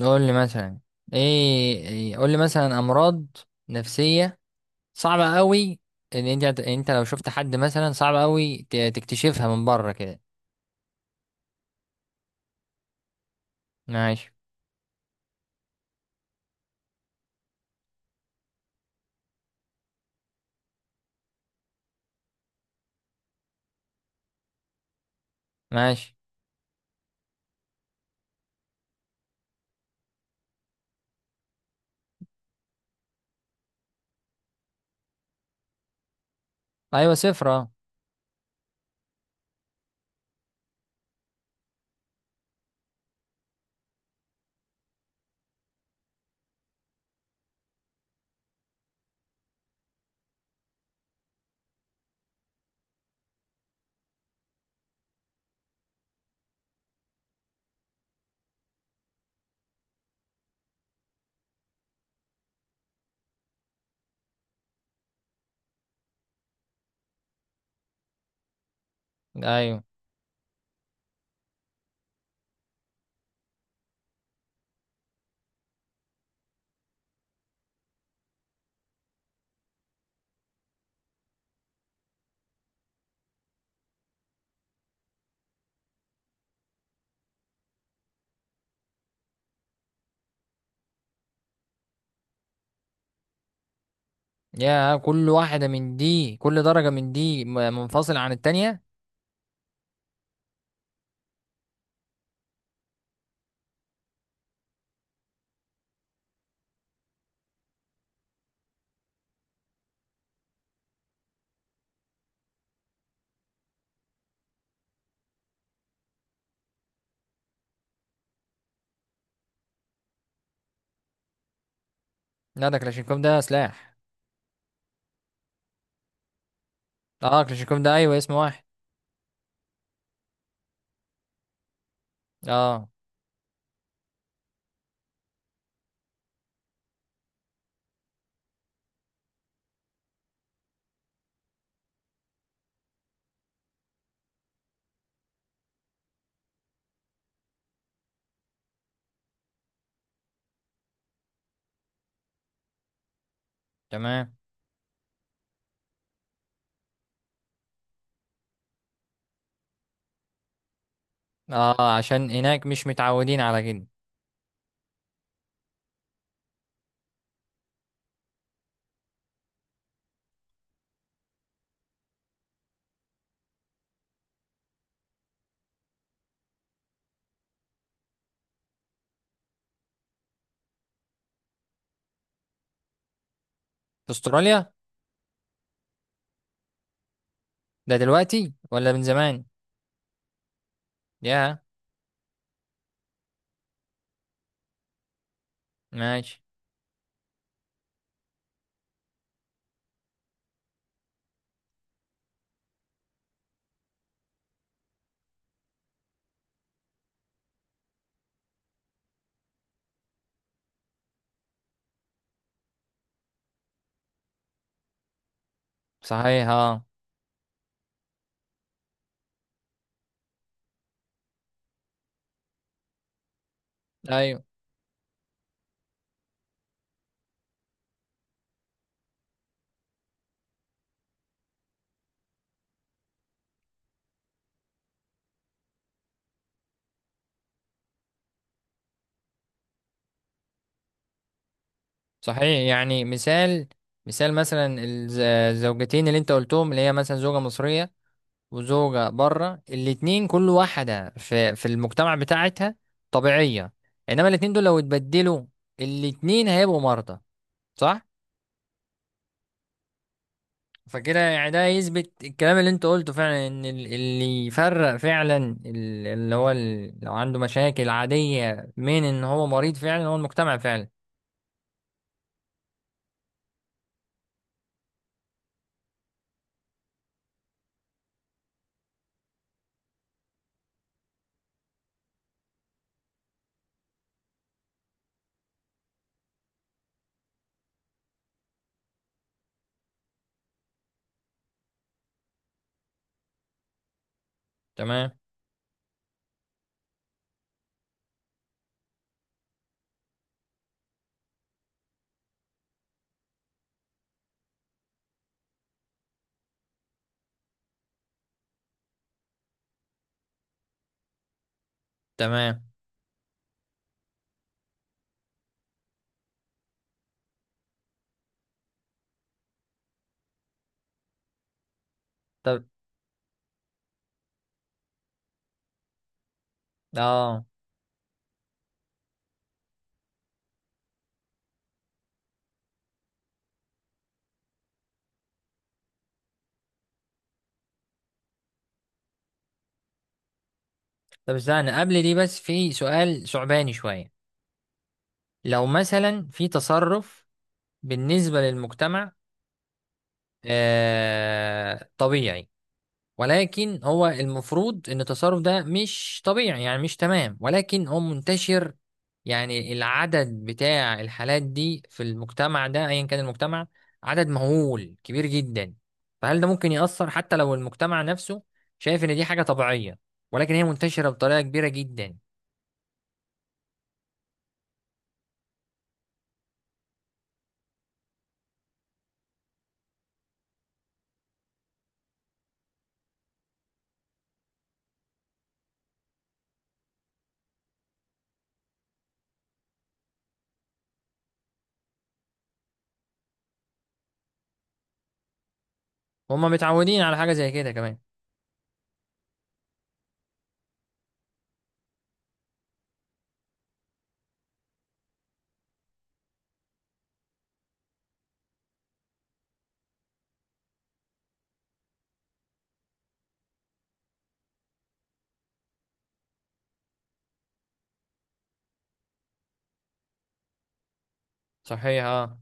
قول لي مثلا، قول لي مثلا امراض نفسية صعبة قوي. ان انت انت لو شفت حد مثلا صعب قوي تكتشفها من بره كده؟ ماشي. ماشي. ايوه، صفر، اه. ايوه، يا، كل واحدة من دي، كل درجة من دي منفصلة عن التانية. لا، ده كلاشينكوف، ده سلاح. اه، كلاشينكوف، ده ايوه، اسم واحد. اه، تمام. اه، عشان هناك مش متعودين على كده. في استراليا؟ ده دلوقتي ولا من زمان؟ يا. ماشي. صحيح، اه. ايوه. صحيح. يعني مثال، مثال مثلا الزوجتين اللي انت قلتهم، اللي هي مثلا زوجة مصرية وزوجة بره، الاتنين كل واحدة في المجتمع بتاعتها طبيعية. انما الاتنين دول لو اتبدلوا، الاتنين هيبقوا مرضى، صح؟ فكده يعني ده يثبت الكلام اللي انت قلته فعلا، ان اللي يفرق فعلا، اللي هو لو عنده مشاكل عادية من ان هو مريض فعلا، هو المجتمع فعلا. تمام. تمام. طب، اه، طب استنى قبل دي بس، في سؤال صعباني شوية. لو مثلا في تصرف بالنسبة للمجتمع طبيعي، ولكن هو المفروض ان التصرف ده مش طبيعي، يعني مش تمام، ولكن هو منتشر. يعني العدد بتاع الحالات دي في المجتمع ده، ايا كان المجتمع، عدد مهول كبير جدا. فهل ده ممكن يأثر؟ حتى لو المجتمع نفسه شايف ان دي حاجة طبيعية ولكن هي منتشرة بطريقة كبيرة جدا. هما متعودين على حاجة زي كده كمان. صحيح، اه.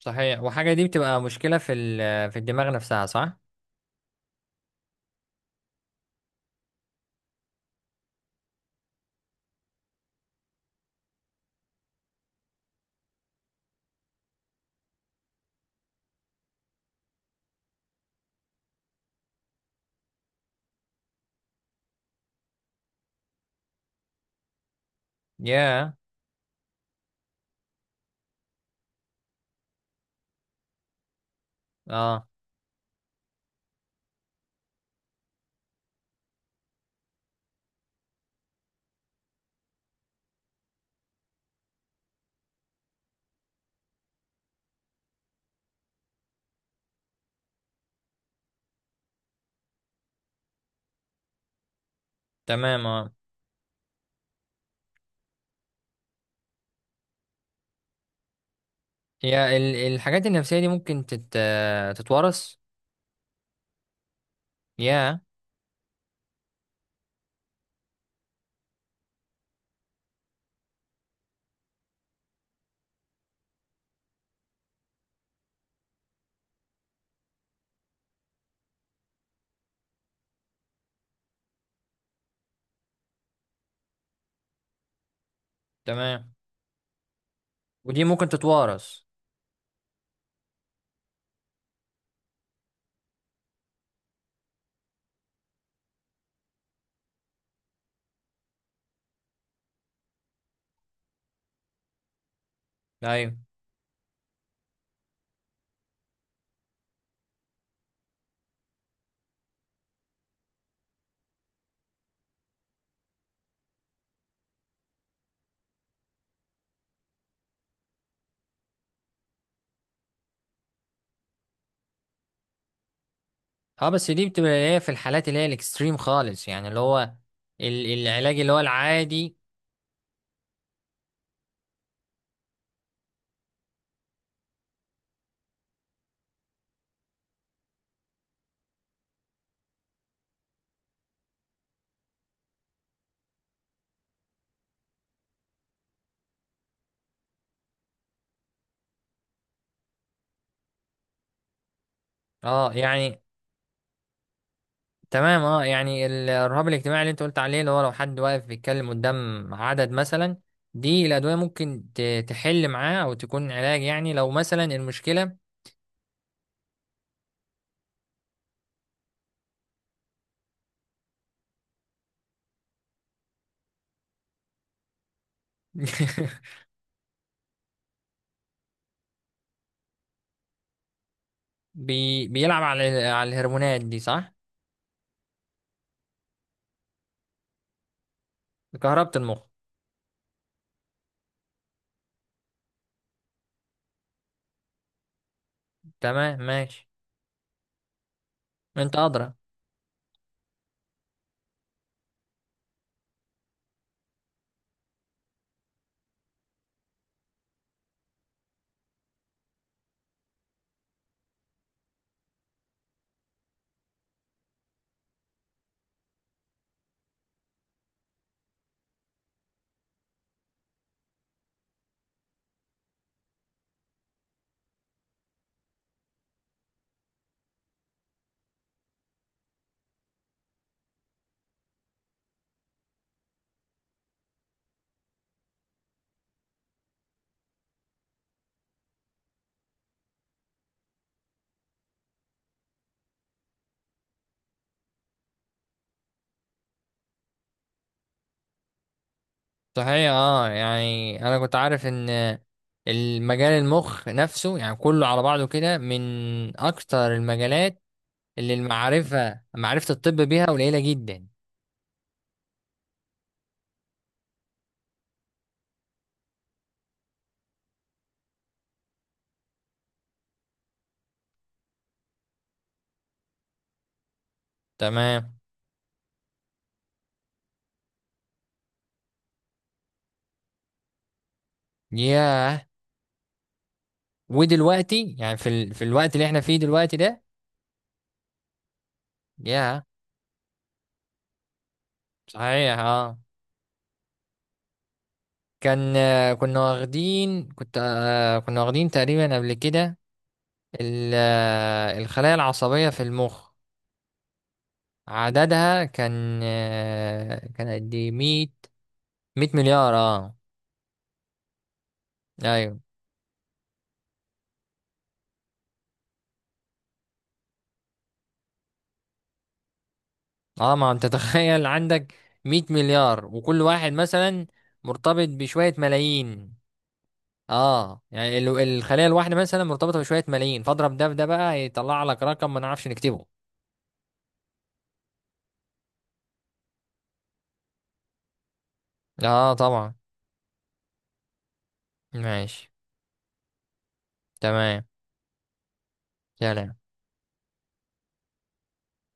صحيح. وحاجة دي بتبقى مشكلة في الدماغ نفسها، صح؟ يا. اه. تمام. اه، هي الحاجات النفسية دي ممكن تتورث يا. تمام. ودي ممكن تتورث؟ ايوه، اه. بس دي بتبقى اللي هي في الحالات اللي هي الاكستريم خالص، يعني اللي هو العلاج اللي هو العادي. اه. يعني تمام. اه، يعني الرهاب الاجتماعي اللي انت قلت عليه، اللي هو لو حد واقف بيتكلم قدام عدد مثلا، دي الادويه ممكن تحل معاه او تكون علاج؟ يعني لو مثلا المشكله، بي بيلعب على على الهرمونات دي، صح؟ كهربة المخ. تمام. ماشي. انت ادرى. صحيح، اه. يعني انا كنت عارف ان المجال، المخ نفسه يعني كله على بعضه كده، من اكتر المجالات اللي المعرفه، معرفه الطب بيها قليله جدا. تمام. ياه. ودلوقتي يعني في الوقت اللي احنا فيه دلوقتي ده، يا، صحيح، اه. كان آه، كنا واخدين تقريبا قبل كده ال... آه، الخلايا العصبية في المخ عددها كان قد ايه، 100؟ 100 مليار. اه. ايوه. اه، ما انت، تخيل عندك 100 مليار وكل واحد مثلا مرتبط بشوية ملايين. اه، يعني الخلية الواحدة مثلا مرتبطة بشوية ملايين، فاضرب ده بده بقى يطلع لك رقم ما نعرفش نكتبه. اه، طبعا. ماشي. تمام. سلام.